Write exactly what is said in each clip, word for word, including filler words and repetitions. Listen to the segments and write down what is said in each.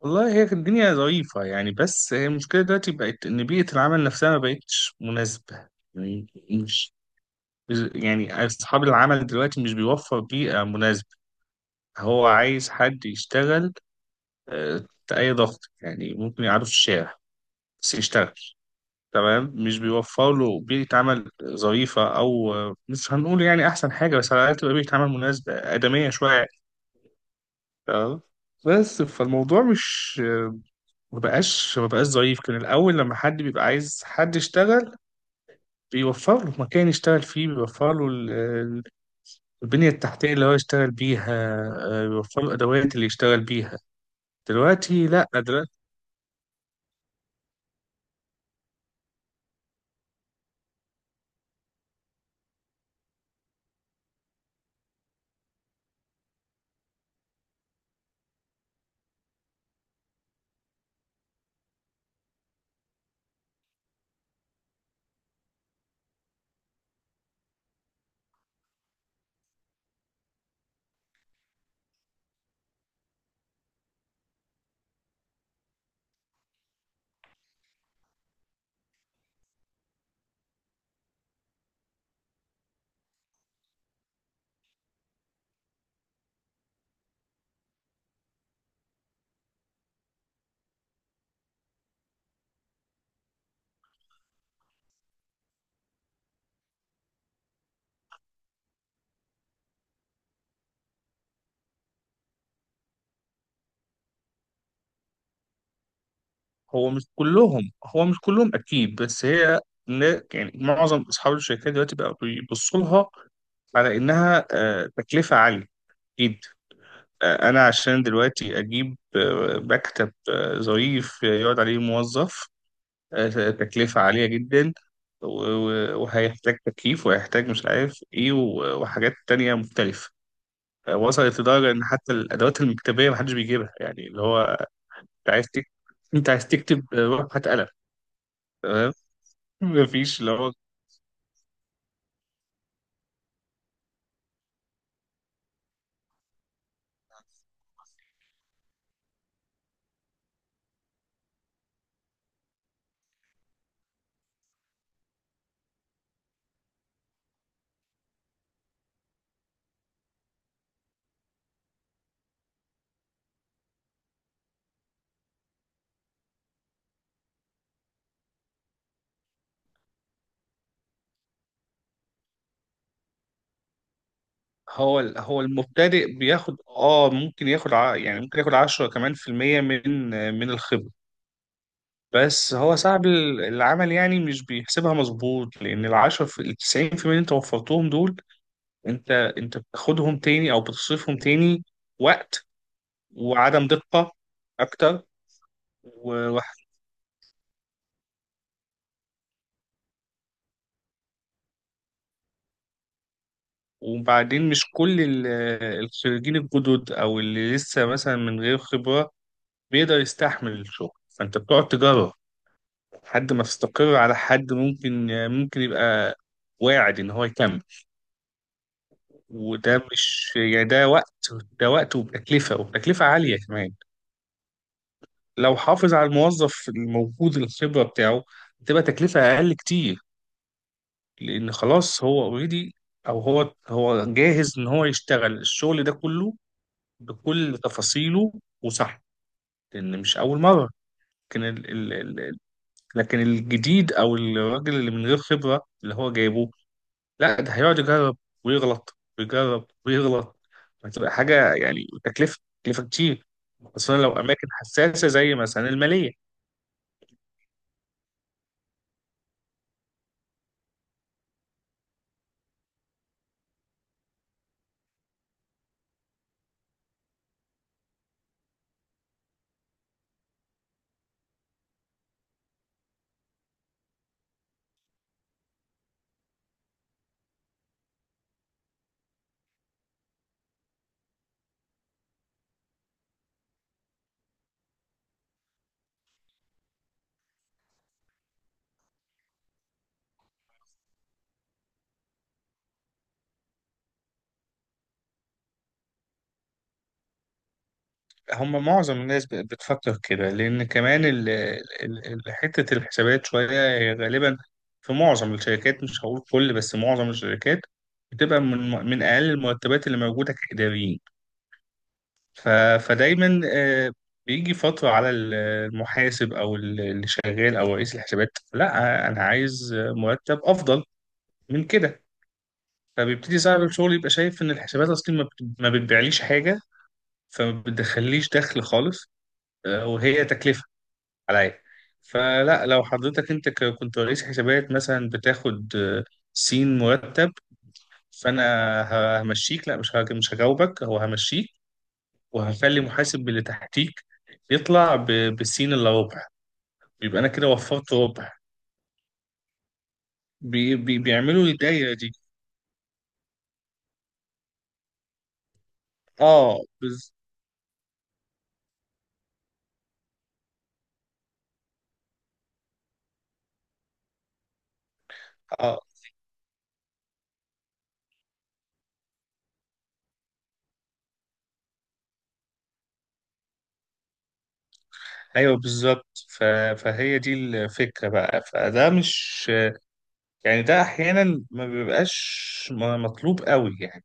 والله هي كانت الدنيا ظريفة، يعني بس هي المشكلة دلوقتي بقت إن بيئة العمل نفسها ما بقتش مناسبة. يعني مش يعني أصحاب العمل دلوقتي مش بيوفر بيئة مناسبة. هو عايز حد يشتغل آه، تحت أي ضغط، يعني ممكن يقعده في الشارع بس يشتغل. تمام، مش بيوفر له بيئة عمل ظريفة، أو آه، مش هنقول يعني أحسن حاجة، بس على الأقل تبقى بيئة عمل مناسبة آدمية شوية. تمام. بس فالموضوع مش ما بقاش ما بقاش ضعيف كان الأول، لما حد بيبقى عايز حد يشتغل بيوفر له مكان يشتغل فيه، بيوفر له ال- ال- البنية التحتية اللي هو يشتغل بيها، آه، بيوفر له الأدوات اللي يشتغل بيها. دلوقتي لا، دلوقتي هو مش كلهم، هو مش كلهم أكيد، بس هي ن- يعني معظم أصحاب الشركات دلوقتي بقى بيبصوا لها على إنها آه، تكلفة عالية جدا. آه، أنا عشان دلوقتي أجيب آه، مكتب آه، ظريف يقعد عليه موظف، آه، تكلفة عالية جدا. و- و- وهيحتاج تكييف، وهيحتاج مش عارف ايه، و- وحاجات تانية مختلفة. آه، وصلت لدرجة ان حتى الادوات المكتبية محدش بيجيبها، يعني اللي هو انت عايز تكتب، انت عايز تكتب آه، روح هات قلم. تمام. مفيش اللي هو هو ال- هو المبتدئ بياخد اه ممكن ياخد ع- يعني ممكن ياخد عشرة كمان في المية، من آه، من الخبرة. بس هو صعب ال- العمل، يعني مش بيحسبها مظبوط، لان العشرة في التسعين في المية اللي انت وفرتهم دول انت انت بتاخدهم تاني او بتصرفهم تاني. وقت وعدم دقة اكتر. و- وبعدين مش كل ال- الخريجين الجدد او اللي لسه مثلا من غير خبرة بيقدر يستحمل الشغل، فانت بتقعد تجرب لحد ما تستقر على حد ممكن ممكن يبقى واعد ان هو يكمل. وده مش يعني، ده وقت، ده وقت وبتكلفة وبتكلفة عالية كمان. لو حافظ على الموظف الموجود الخبرة بتاعه تبقى تكلفة أقل كتير، لان خلاص هو اوريدي، او هو هو جاهز ان هو يشتغل الشغل ده كله بكل تفاصيله، وصح، لان مش اول مره. لكن ال ال ال لكن الجديد او الراجل اللي من غير خبره اللي هو جايبه، لا ده هيقعد يجرب ويغلط ويجرب ويغلط. هتبقى حاجه يعني تكلفه تكلفه كتير، خصوصا لو اماكن حساسه زي مثلا الماليه. هم معظم الناس ب- بتفكر كده، لأن كمان ال- ال- ال- حتة الحسابات شوية هي غالبا في معظم الشركات، مش هقول كل بس معظم الشركات، بتبقى من من أقل المرتبات اللي موجودة كإداريين. ف- فدايما آه، بيجي فترة على ال- المحاسب أو ال- اللي شغال أو رئيس الحسابات، لا أنا عايز مرتب أفضل من كده. فبيبتدي صاحب الشغل يبقى شايف إن الحسابات أصلا ما بت- ما بتبيعليش حاجة، فما بتدخليش دخل خالص، آه، وهي تكلفة عليا. فلا لو حضرتك انت ك- كنت رئيس حسابات مثلا بتاخد آه، سين مرتب، فانا ه- همشيك، لا مش هج- مش هجاوبك، هو همشيك، وهخلي محاسب اللي تحتيك يطلع ب- بالسين الا ربع، يبقى انا كده وفرت ربع. بي بي بيعملوا الدايره دي. اه بز... اه، ايوه، بالظبط. ف... فهي دي الفكره بقى. فده مش يعني، ده احيانا ما بيبقاش م- مطلوب قوي يعني،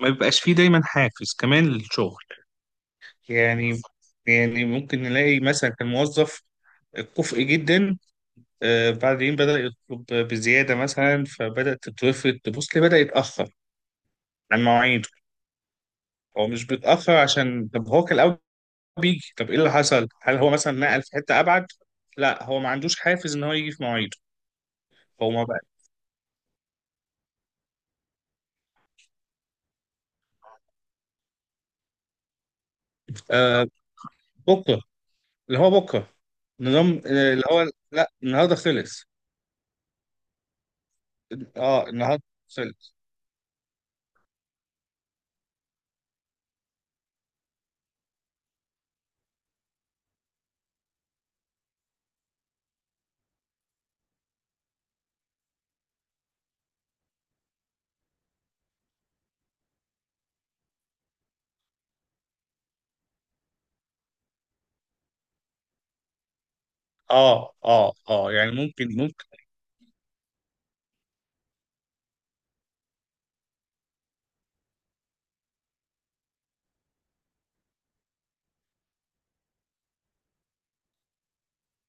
ما بيبقاش فيه دايما حافز كمان للشغل. يعني يعني ممكن نلاقي مثلا كان موظف كفء جدا، آه، بعدين بدأ يطلب بزيادة مثلا، فبدأت تتوفر تبص ليه، بدأ يتأخر عن مواعيده. هو مش بيتأخر عشان، طب هو كان الأول بيجي، طب إيه اللي حصل؟ هل هو مثلا نقل في حتة أبعد؟ لا، هو ما عندوش حافز إن هو يجي في مواعيده. هو ما بقى آه بكرة، اللي هو بكرة، نظام آه، اللي هو لا النهارده خلص. اه، النهارده خلص. اه، اه، اه. يعني ممكن ممكن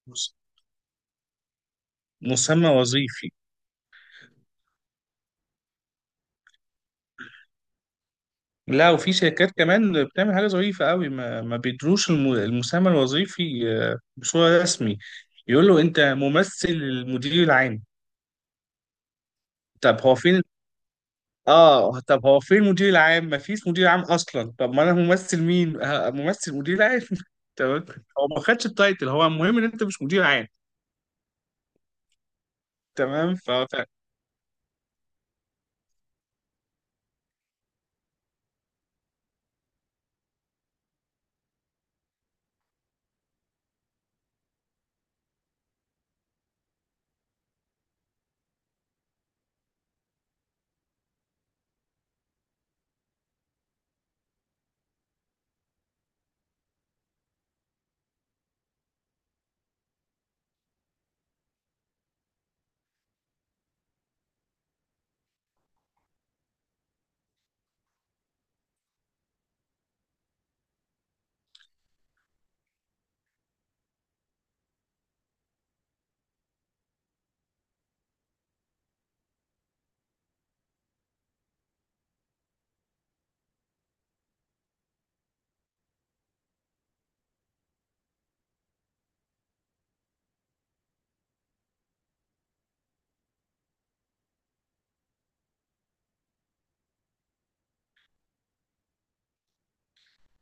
مس- مسمى وظيفي. لا، وفي شركات كمان بتعمل حاجة ظريفة قوي، ما, ما بيدروش الم- المسمى الوظيفي آه، بصورة رسمي، يقول له انت ممثل المدير العام. طب هو فين اه طب هو فين المدير العام؟ ما فيش مدير عام اصلا. طب ما انا ممثل مين؟ ه- ممثل مدير عام. تمام. هو ما خدش التايتل، هو المهم ان انت مش مدير عام. تمام. ف ف-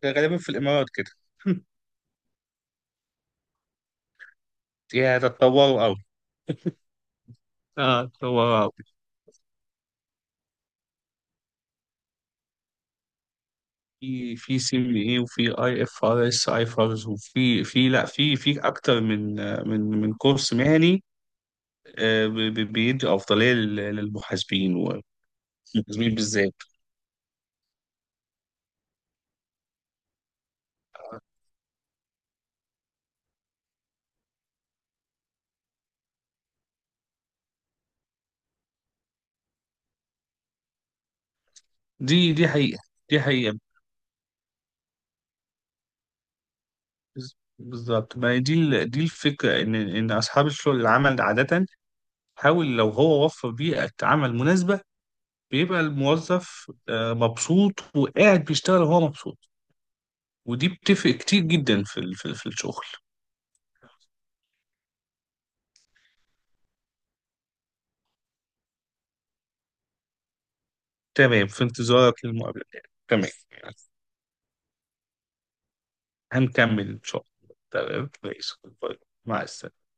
غالبا في الامارات كده. يا ده اتطوروا قوي. اه، اتطوروا قوي. في في سي بي اي، وفي اي اف ار اس ايفرز، وفي في لا في في اكتر من من من كورس مهني، آه، ب- ب- بيدي افضليه لل- للمحاسبين، والمحاسبين بالذات. دي دي حقيقه. دي حقيقه. بز- بالظبط. ما هي دي ال- دي الفكره، ان ان اصحاب الشغل العمل عاده حاول، لو هو وفر بيئه عمل مناسبه بيبقى الموظف آه، مبسوط وقاعد بيشتغل وهو مبسوط. ودي بتفرق كتير جدا في ال- في ال- في الشغل. تمام، في انتظارك للمقابلة يعني. تمام، هنكمل إن شاء الله. تمام، ماشي. باي. مع السلامة.